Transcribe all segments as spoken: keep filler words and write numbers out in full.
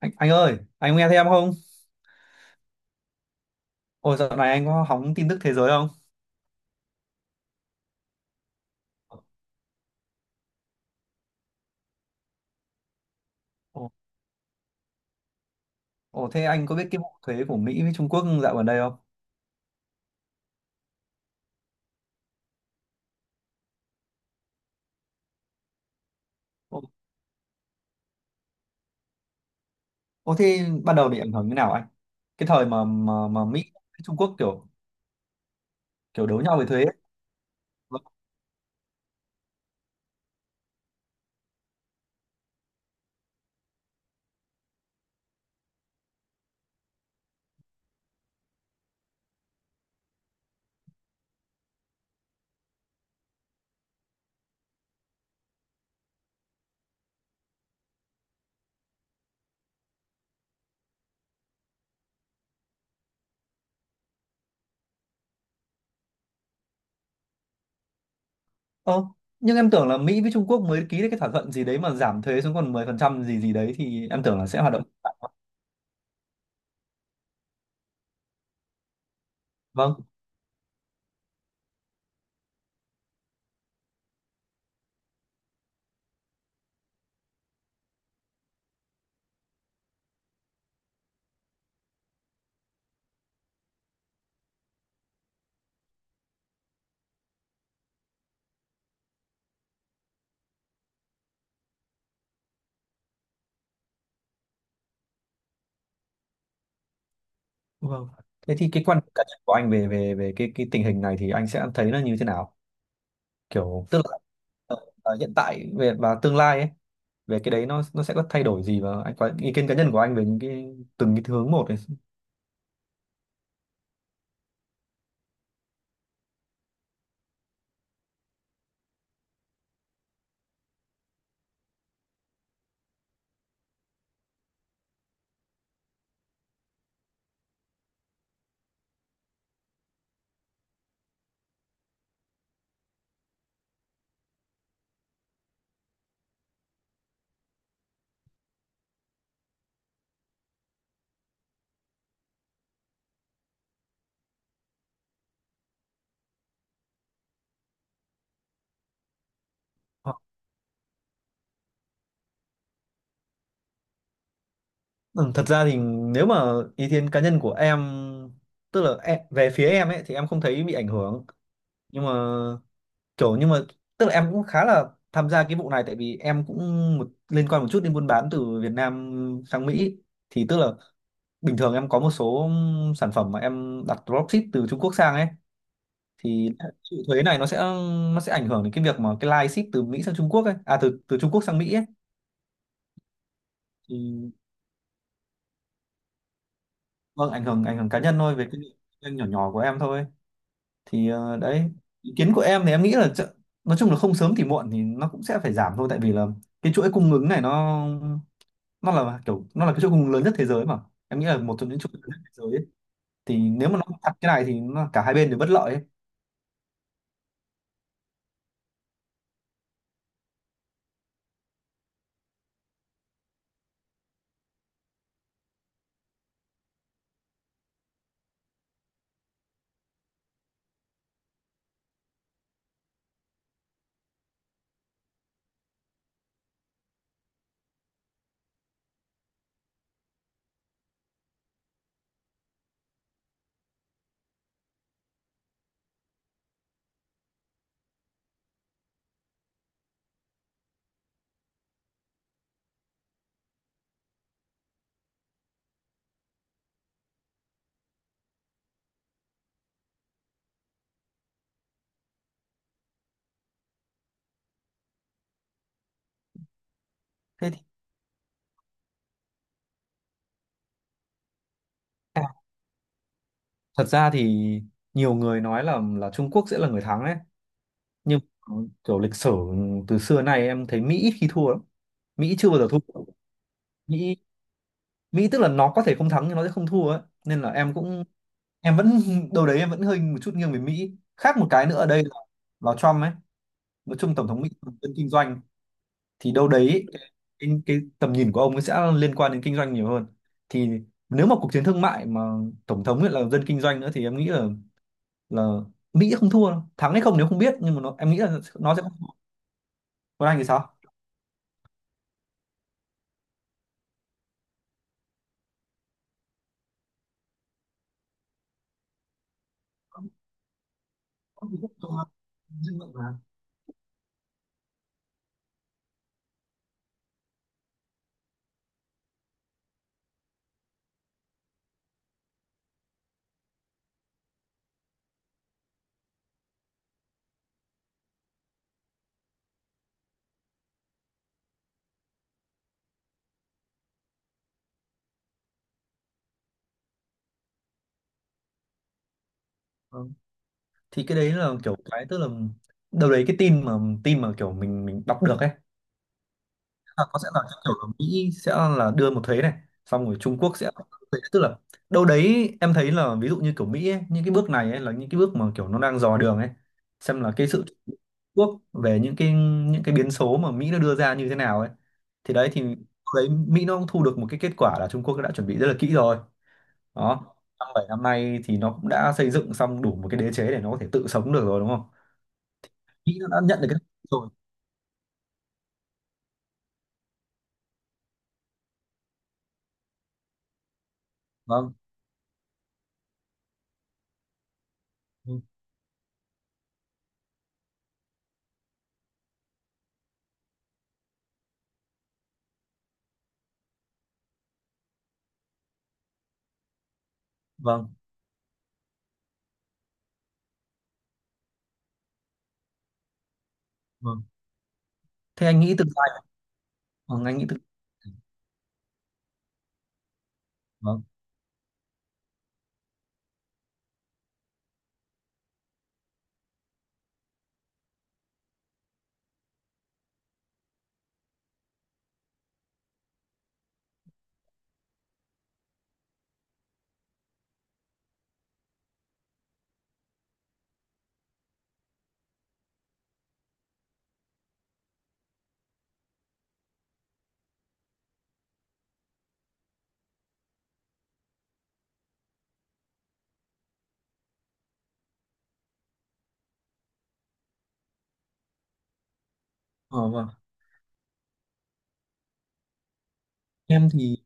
Anh, anh ơi, anh nghe thấy em không? Ồ, dạo này anh có hóng tin tức thế giới không? Ồ, ồ, thế anh có biết cái vụ thuế của Mỹ với Trung Quốc dạo gần đây không? Ồ, ồ, thế ban đầu bị ảnh hưởng như nào anh? Cái thời mà mà, mà Mỹ với Trung Quốc kiểu kiểu đấu nhau về thuế ấy. Ờ, nhưng em tưởng là Mỹ với Trung Quốc mới ký được cái thỏa thuận gì đấy mà giảm thuế xuống còn mười phần trăm gì gì đấy thì em tưởng là sẽ hoạt động. Vâng, vâng. Thế thì cái quan điểm cá nhân của anh về về về cái cái tình hình này thì anh sẽ thấy nó như thế nào? Kiểu tức là ờ, hiện tại về và tương lai ấy, về cái đấy nó nó sẽ có thay đổi gì, và anh có ý kiến cá nhân của anh về những cái từng cái hướng một này. Ờ, ừ, thật ra thì nếu mà ý kiến cá nhân của em, tức là em, về phía em ấy thì em không thấy bị ảnh hưởng, nhưng mà kiểu nhưng mà tức là em cũng khá là tham gia cái vụ này, tại vì em cũng một, liên quan một chút đến buôn bán từ Việt Nam sang Mỹ. Thì tức là bình thường em có một số sản phẩm mà em đặt dropship từ Trung Quốc sang ấy, thì chịu thuế này nó sẽ nó sẽ ảnh hưởng đến cái việc mà cái line ship từ Mỹ sang Trung Quốc ấy, à, từ từ Trung Quốc sang Mỹ ấy. Thì vâng, ảnh hưởng ảnh hưởng cá nhân thôi, về cái doanh nhỏ nhỏ của em thôi. Thì ờ, đấy, ý kiến của em thì em nghĩ là chợ- nói chung là không sớm thì muộn thì nó cũng sẽ phải giảm thôi, tại vì là cái chuỗi cung ứng này nó nó là kiểu, nó là cái chuỗi cung ứng lớn nhất thế giới mà. Em nghĩ là một trong những chuỗi lớn nhất thế giới ấy. Thì nếu mà nó chặt cái này thì nó, cả hai bên đều bất lợi ấy. Thế thì thật ra thì nhiều người nói là là Trung Quốc sẽ là người thắng ấy, nhưng kiểu lịch sử từ xưa nay em thấy Mỹ ít khi thua lắm. Mỹ chưa bao giờ thua. Mỹ Mỹ tức là nó có thể không thắng nhưng nó sẽ không thua ấy, nên là em cũng em vẫn đâu đấy em vẫn hơi một chút nghiêng về Mỹ. Khác một cái nữa ở đây là, là Trump ấy. Nói chung tổng thống Mỹ là dân kinh doanh, thì đâu đấy cái, cái, cái tầm nhìn của ông ấy sẽ liên quan đến kinh doanh nhiều hơn. Thì nếu mà cuộc chiến thương mại mà tổng thống ấy là dân kinh doanh nữa thì em nghĩ là là Mỹ không thua đâu, thắng hay không nếu không biết nhưng mà nó, em nghĩ là nó sẽ không thua. Còn anh thì sao? Có. Ờ. Thì cái đấy là kiểu, cái tức là đâu đấy cái tin mà tin mà kiểu mình mình đọc được ấy, là có sẽ là cái kiểu là Mỹ sẽ là đưa một thuế này, xong rồi Trung Quốc sẽ là một thuế, tức là đâu đấy em thấy là ví dụ như kiểu Mỹ ấy, những cái bước này ấy là những cái bước mà kiểu nó đang dò đường ấy, xem là cái sự Trung Quốc về những cái những cái biến số mà Mỹ nó đưa ra như thế nào ấy. Thì đấy thì đâu đấy Mỹ nó cũng thu được một cái kết quả là Trung Quốc đã chuẩn bị rất là kỹ rồi, đó, năm bảy năm nay thì nó cũng đã xây dựng xong đủ một cái đế chế để nó có thể tự sống được rồi, đúng không. Nghĩ nó đã nhận được cái rồi. Vâng, vâng, vâng, vâng. Thế anh nghĩ tương lai, vâng, anh nghĩ tương, vâng, ờ, vâng, em thì,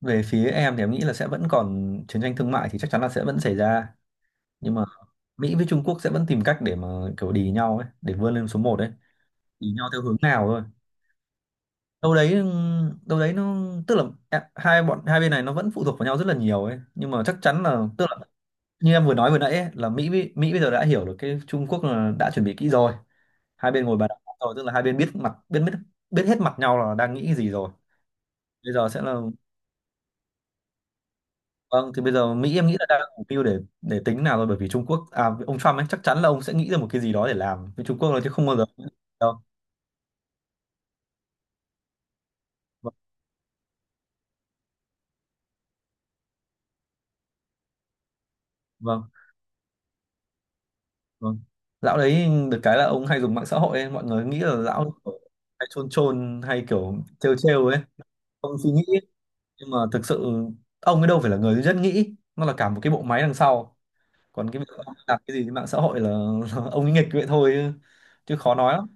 về phía em thì em nghĩ là sẽ vẫn còn chiến tranh thương mại thì chắc chắn là sẽ vẫn xảy ra, nhưng mà Mỹ với Trung Quốc sẽ vẫn tìm cách để mà kiểu đì nhau ấy, để vươn lên số một ấy, đì nhau theo hướng nào thôi. Đâu đấy ừ, đâu đấy nó tức là em- hai bọn hai bên này nó vẫn phụ thuộc vào nhau rất là nhiều ấy, nhưng mà chắc chắn là, tức là như em vừa nói vừa nãy ấy, là Mỹ Mỹ bây giờ đã hiểu được cái Trung Quốc là đã chuẩn bị kỹ rồi. Hai bên ngồi bàn đàm rồi, tức là hai bên biết mặt biết biết biết hết mặt nhau là đang nghĩ cái gì rồi. Bây giờ sẽ là, vâng, thì bây giờ Mỹ em nghĩ là đang mục tiêu để để tính nào rồi, bởi vì Trung Quốc, à, ông Trump ấy chắc chắn là ông sẽ nghĩ ra một cái gì đó để làm với Trung Quốc rồi chứ không bao giờ đâu. Vâng, vâng, vâng. Lão đấy được cái là ông hay dùng mạng xã hội ấy. Mọi người nghĩ là lão hay chôn chôn hay kiểu trêu trêu ấy không suy nghĩ, nhưng mà thực sự ông ấy đâu phải là người duy nhất nghĩ, nó là cả một cái bộ máy đằng sau. Còn cái việc ông ấy làm cái gì trên mạng xã hội là, là ông ấy nghịch vậy thôi chứ, chứ khó nói lắm.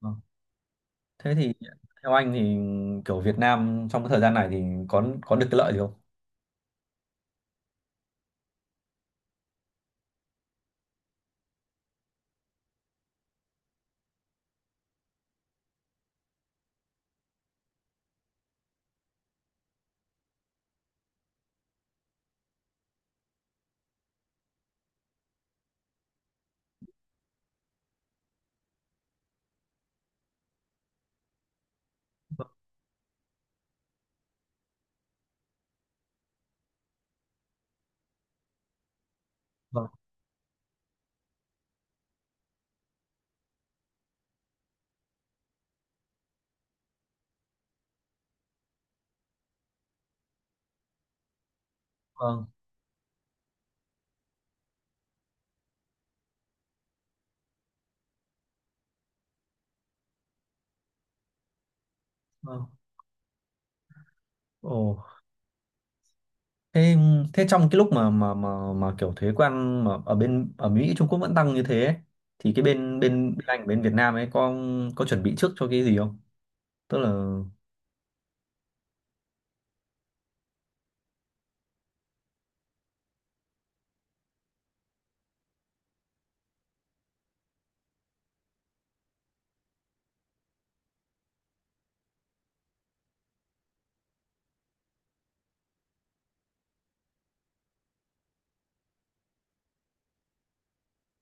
Ờ. Thế thì theo anh thì kiểu Việt Nam trong cái thời gian này thì có có được cái lợi gì không? Vâng, vâng, vâng. Ồ, thế thế trong cái lúc mà mà mà mà kiểu thuế quan mà ở bên, ở Mỹ Trung Quốc vẫn tăng như thế ấy, thì cái bên bên bên Anh, bên Việt Nam ấy có có chuẩn bị trước cho cái gì không? Tức là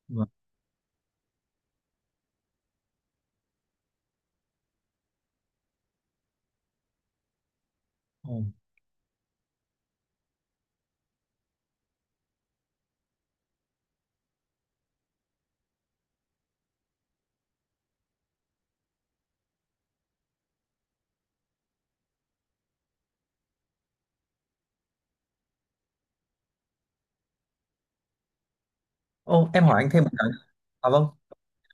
vâng. Ồ, ồ, em hỏi anh thêm một cái. À vâng,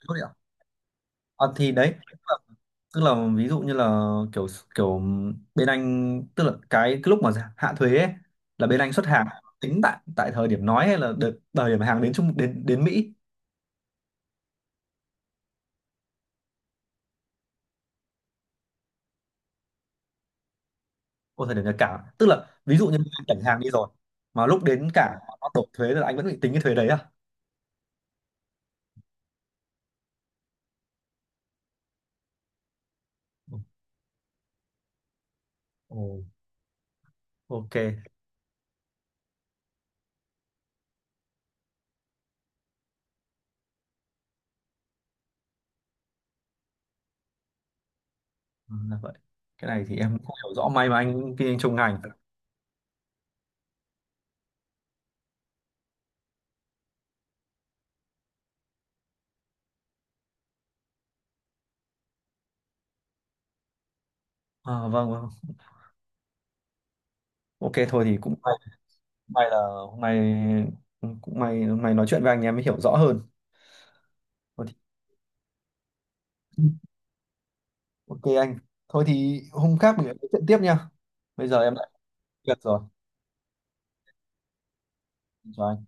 thôi ạ. À, thì đấy tức là, tức là ví dụ như là kiểu kiểu bên Anh, tức là cái, cái lúc mà, dạ, hạ thuế ấy, là bên Anh xuất hàng, tính tại tại thời điểm nói hay là đợt, thời điểm hàng đến Trung đến đến Mỹ. Ô, thời điểm nhập cảng, tức là ví dụ như anh cảnh hàng đi rồi mà lúc đến cảng nó đổ thuế là anh vẫn bị tính cái thuế đấy à? Ồ, ok. Ừ, là vậy. Cái này thì em cũng không hiểu rõ, may mà anh kinh anh trong ngành. À, vâng vâng, ok, thôi thì cũng may, may là hôm nay cũng may hôm nay nói chuyện với anh em mới hiểu rõ hơn. Ok anh. Thôi thì hôm khác mình lại nói chuyện tiếp nha. Bây giờ em đã có việc rồi. Chào anh.